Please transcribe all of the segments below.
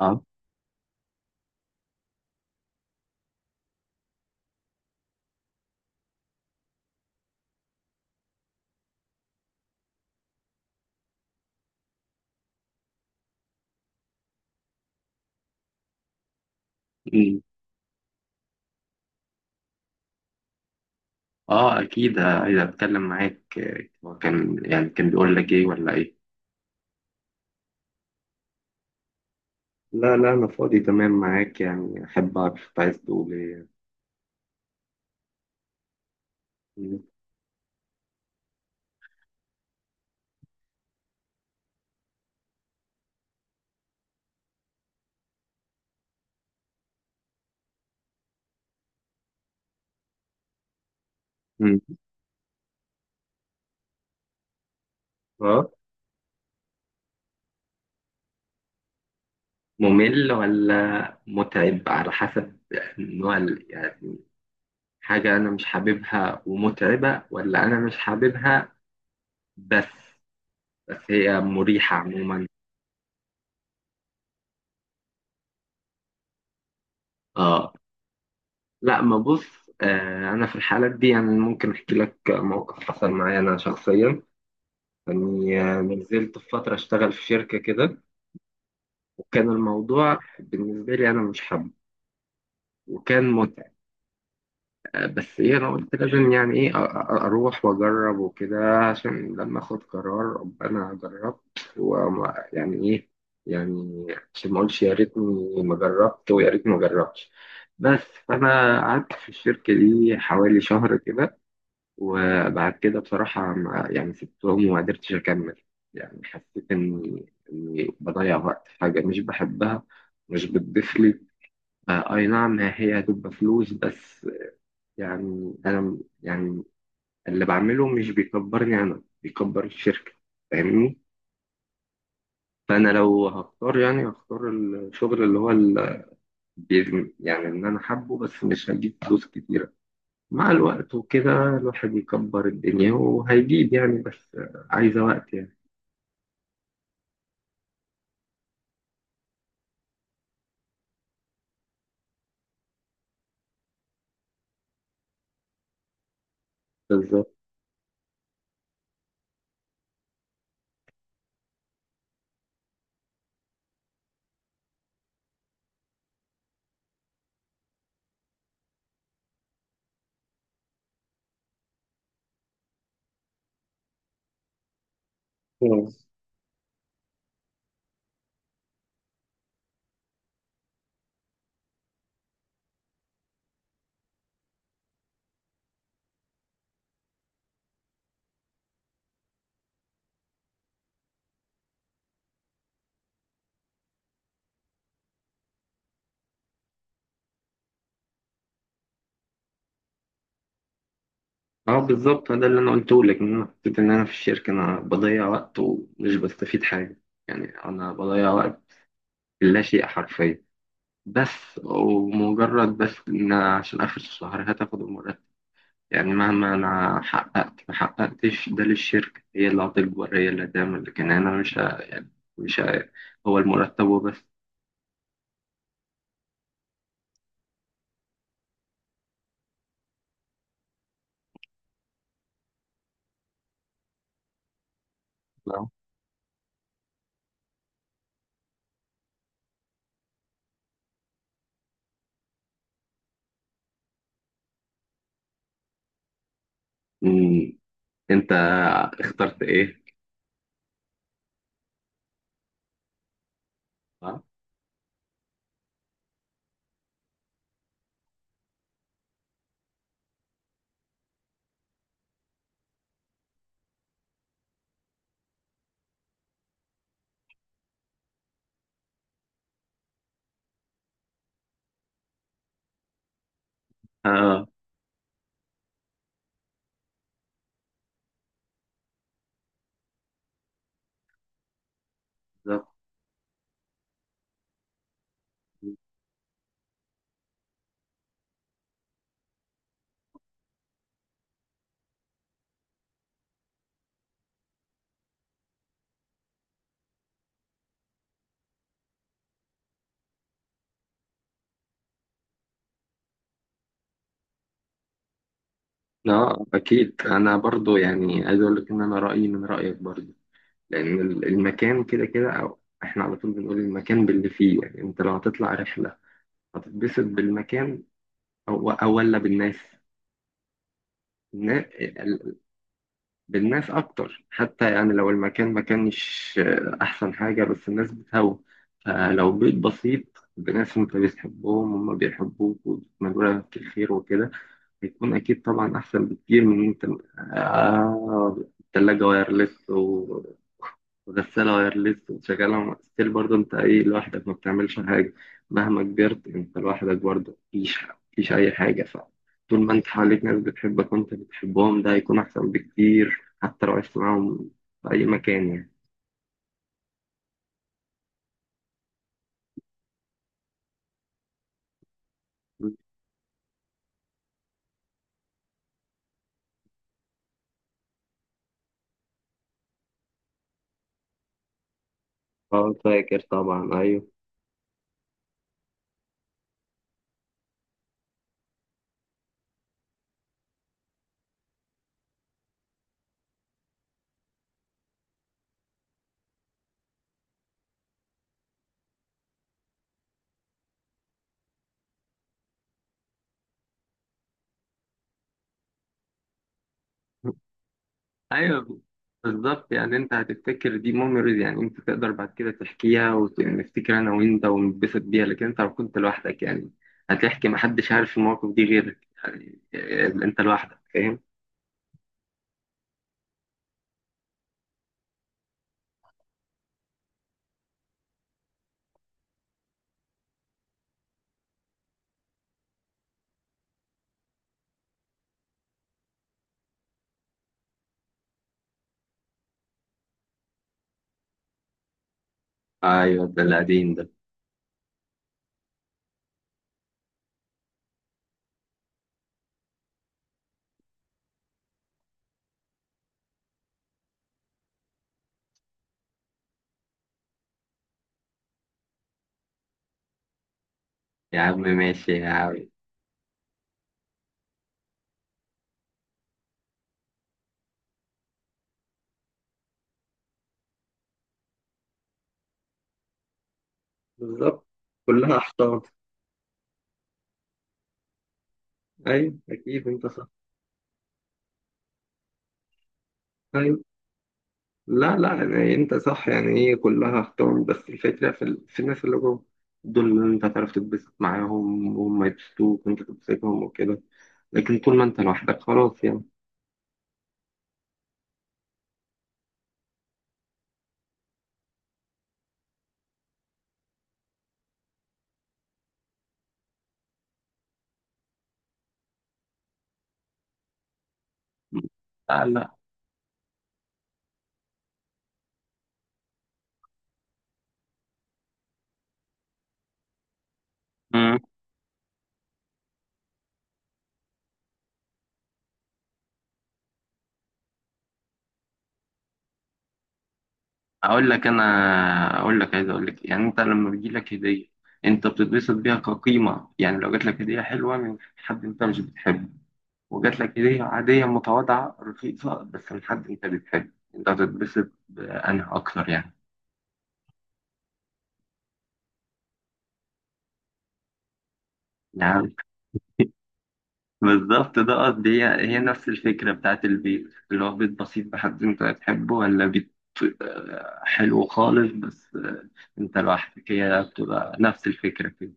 اه، أكيد. اه، اكيد، اذا اتكلم معاك، هو يعني كان بيقول لك ايه ولا ايه؟ لا، لا انا فاضي تمام معاك، يعني احب اعرف أنت عايز تقول ايه. مم. مم. اه، ممل ولا متعب؟ على حسب نوع يعني حاجة انا مش حاببها ومتعبة، ولا انا مش حاببها بس؟ بس هي مريحة عموما. اه، لا، ما بص، انا في الحالات دي يعني ممكن احكي لك موقف حصل معايا انا شخصيا. يعني نزلت في فترة أشتغل في شركة كده، وكان الموضوع بالنسبة لي أنا مش حابه، وكان متعب. بس إيه، أنا قلت لازم يعني إيه أروح وأجرب وكده، عشان لما أخد قرار أبقى أنا جربت ويعني إيه. يعني عشان ما أقولش يا ريتني ما جربت ويا ريتني ما جربتش. بس فأنا قعدت في الشركة دي حوالي شهر كده، وبعد كده بصراحة ما يعني سبتهم وما قدرتش أكمل. يعني حسيت إني بضيع وقت في حاجة مش بحبها، مش بتضيف لي. أي نعم، هي هتبقى فلوس بس، يعني أنا يعني اللي بعمله مش بيكبرني، أنا بيكبر الشركة. فاهمني؟ فأنا لو هختار يعني هختار الشغل اللي هو يعني إن أنا حابه، بس مش هجيب فلوس كتيرة. مع الوقت وكده الواحد يكبر الدنيا وهيجيب يعني، بس عايزة وقت يعني. بالظبط. مم. اه، بالظبط، ده اللي انا قلته لك، ان انا حسيت ان انا في الشركه انا بضيع وقت ومش بستفيد حاجه. يعني انا بضيع وقت في لا شيء حرفيا، بس ومجرد بس ان أنا عشان اخر الشهر هتاخد المرتب. يعني مهما انا حققت ما حققتش ده للشركه، هي اللي هتكبر، هي اللي هتعمل، لكن انا مش ه... يعني مش ه... هو المرتب وبس. نعم. مم. انت اخترت ايه؟ اه، آه، بالظبط. اه، اكيد انا برضو يعني عايز اقول لك ان انا رايي من رايك برضو. لان المكان كده كده، او احنا على طول بنقول المكان باللي فيه. يعني انت لو هتطلع رحله هتتبسط بالمكان او ولا بالناس؟ النا- ال- بالناس اكتر، حتى يعني لو المكان ما كانش احسن حاجه بس الناس بتهوى. فلو بيت بسيط بناس انت بتحبهم وهم بيحبوك وبتتمنوا لك الخير وكده، بيكون أكيد طبعا أحسن بكتير من إن أنت التلاجة وايرلس وغسالة وايرلس وشغالة ستيل، برضه أنت إيه لوحدك ما بتعملش حاجة. مهما كبرت أنت لوحدك برضه مفيش أي حاجة. فطول ما أنت حواليك ناس بتحبك وأنت بتحبهم، ده هيكون أحسن بكتير، حتى لو عشت معاهم في أي مكان يعني. أه، فاكر طبعا، أيوه. ايوه بالظبط، يعني انت هتفتكر دي ميموريز، يعني انت تقدر بعد كده تحكيها ونفتكر انا وانت ونتبسط بيها، لكن انت لو كنت لوحدك يعني هتحكي محدش عارف المواقف دي غيرك. إيه، انت لوحدك فاهم. ايوه، ده القديم ده. يا عم ماشي يا عم. بالظبط، كلها احطاط. ايوه اكيد انت صح. ايوه. لا، لا، يعني انت صح، يعني هي كلها اختار، بس الفكرة في الناس اللي جوه، دول اللي انت هتعرف تتبسط معاهم وهم يبسطوك وانت تبسطهم وكده. لكن طول ما انت لوحدك خلاص يعني. لا، لا. مم. اقول لك انا اقول لك عايز اقول لك، يعني انت لما بيجي لك هدية انت بتتبسط بيها كقيمة. يعني لو جات لك هدية حلوة من حد انت مش بتحبه، وجات لك هدية عادية متواضعة رخيصة بس من حد انت بتحبه، انت هتتبسط بأنها اكتر يعني. يعني بالظبط، ده قصدي. هي نفس الفكرة بتاعت البيت، اللي هو بيت بسيط محدش انت هتحبه، ولا بيت حلو خالص بس انت لوحدك، هي بتبقى نفس الفكرة كده.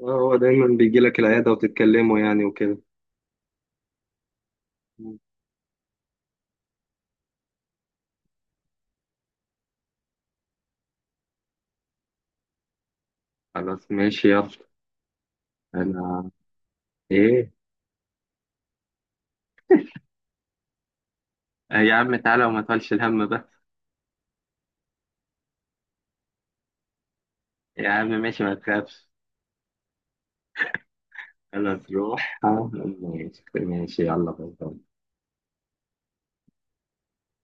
هو دايما بيجي لك العيادة وتتكلموا يعني وكده. خلاص ماشي يلا. انا؟ ايه؟ يا عم تعالى وما تقولش الهم بس. يا عم ماشي ما تخافش. خلاص روح. ماشي ماشي يلا، باي باي.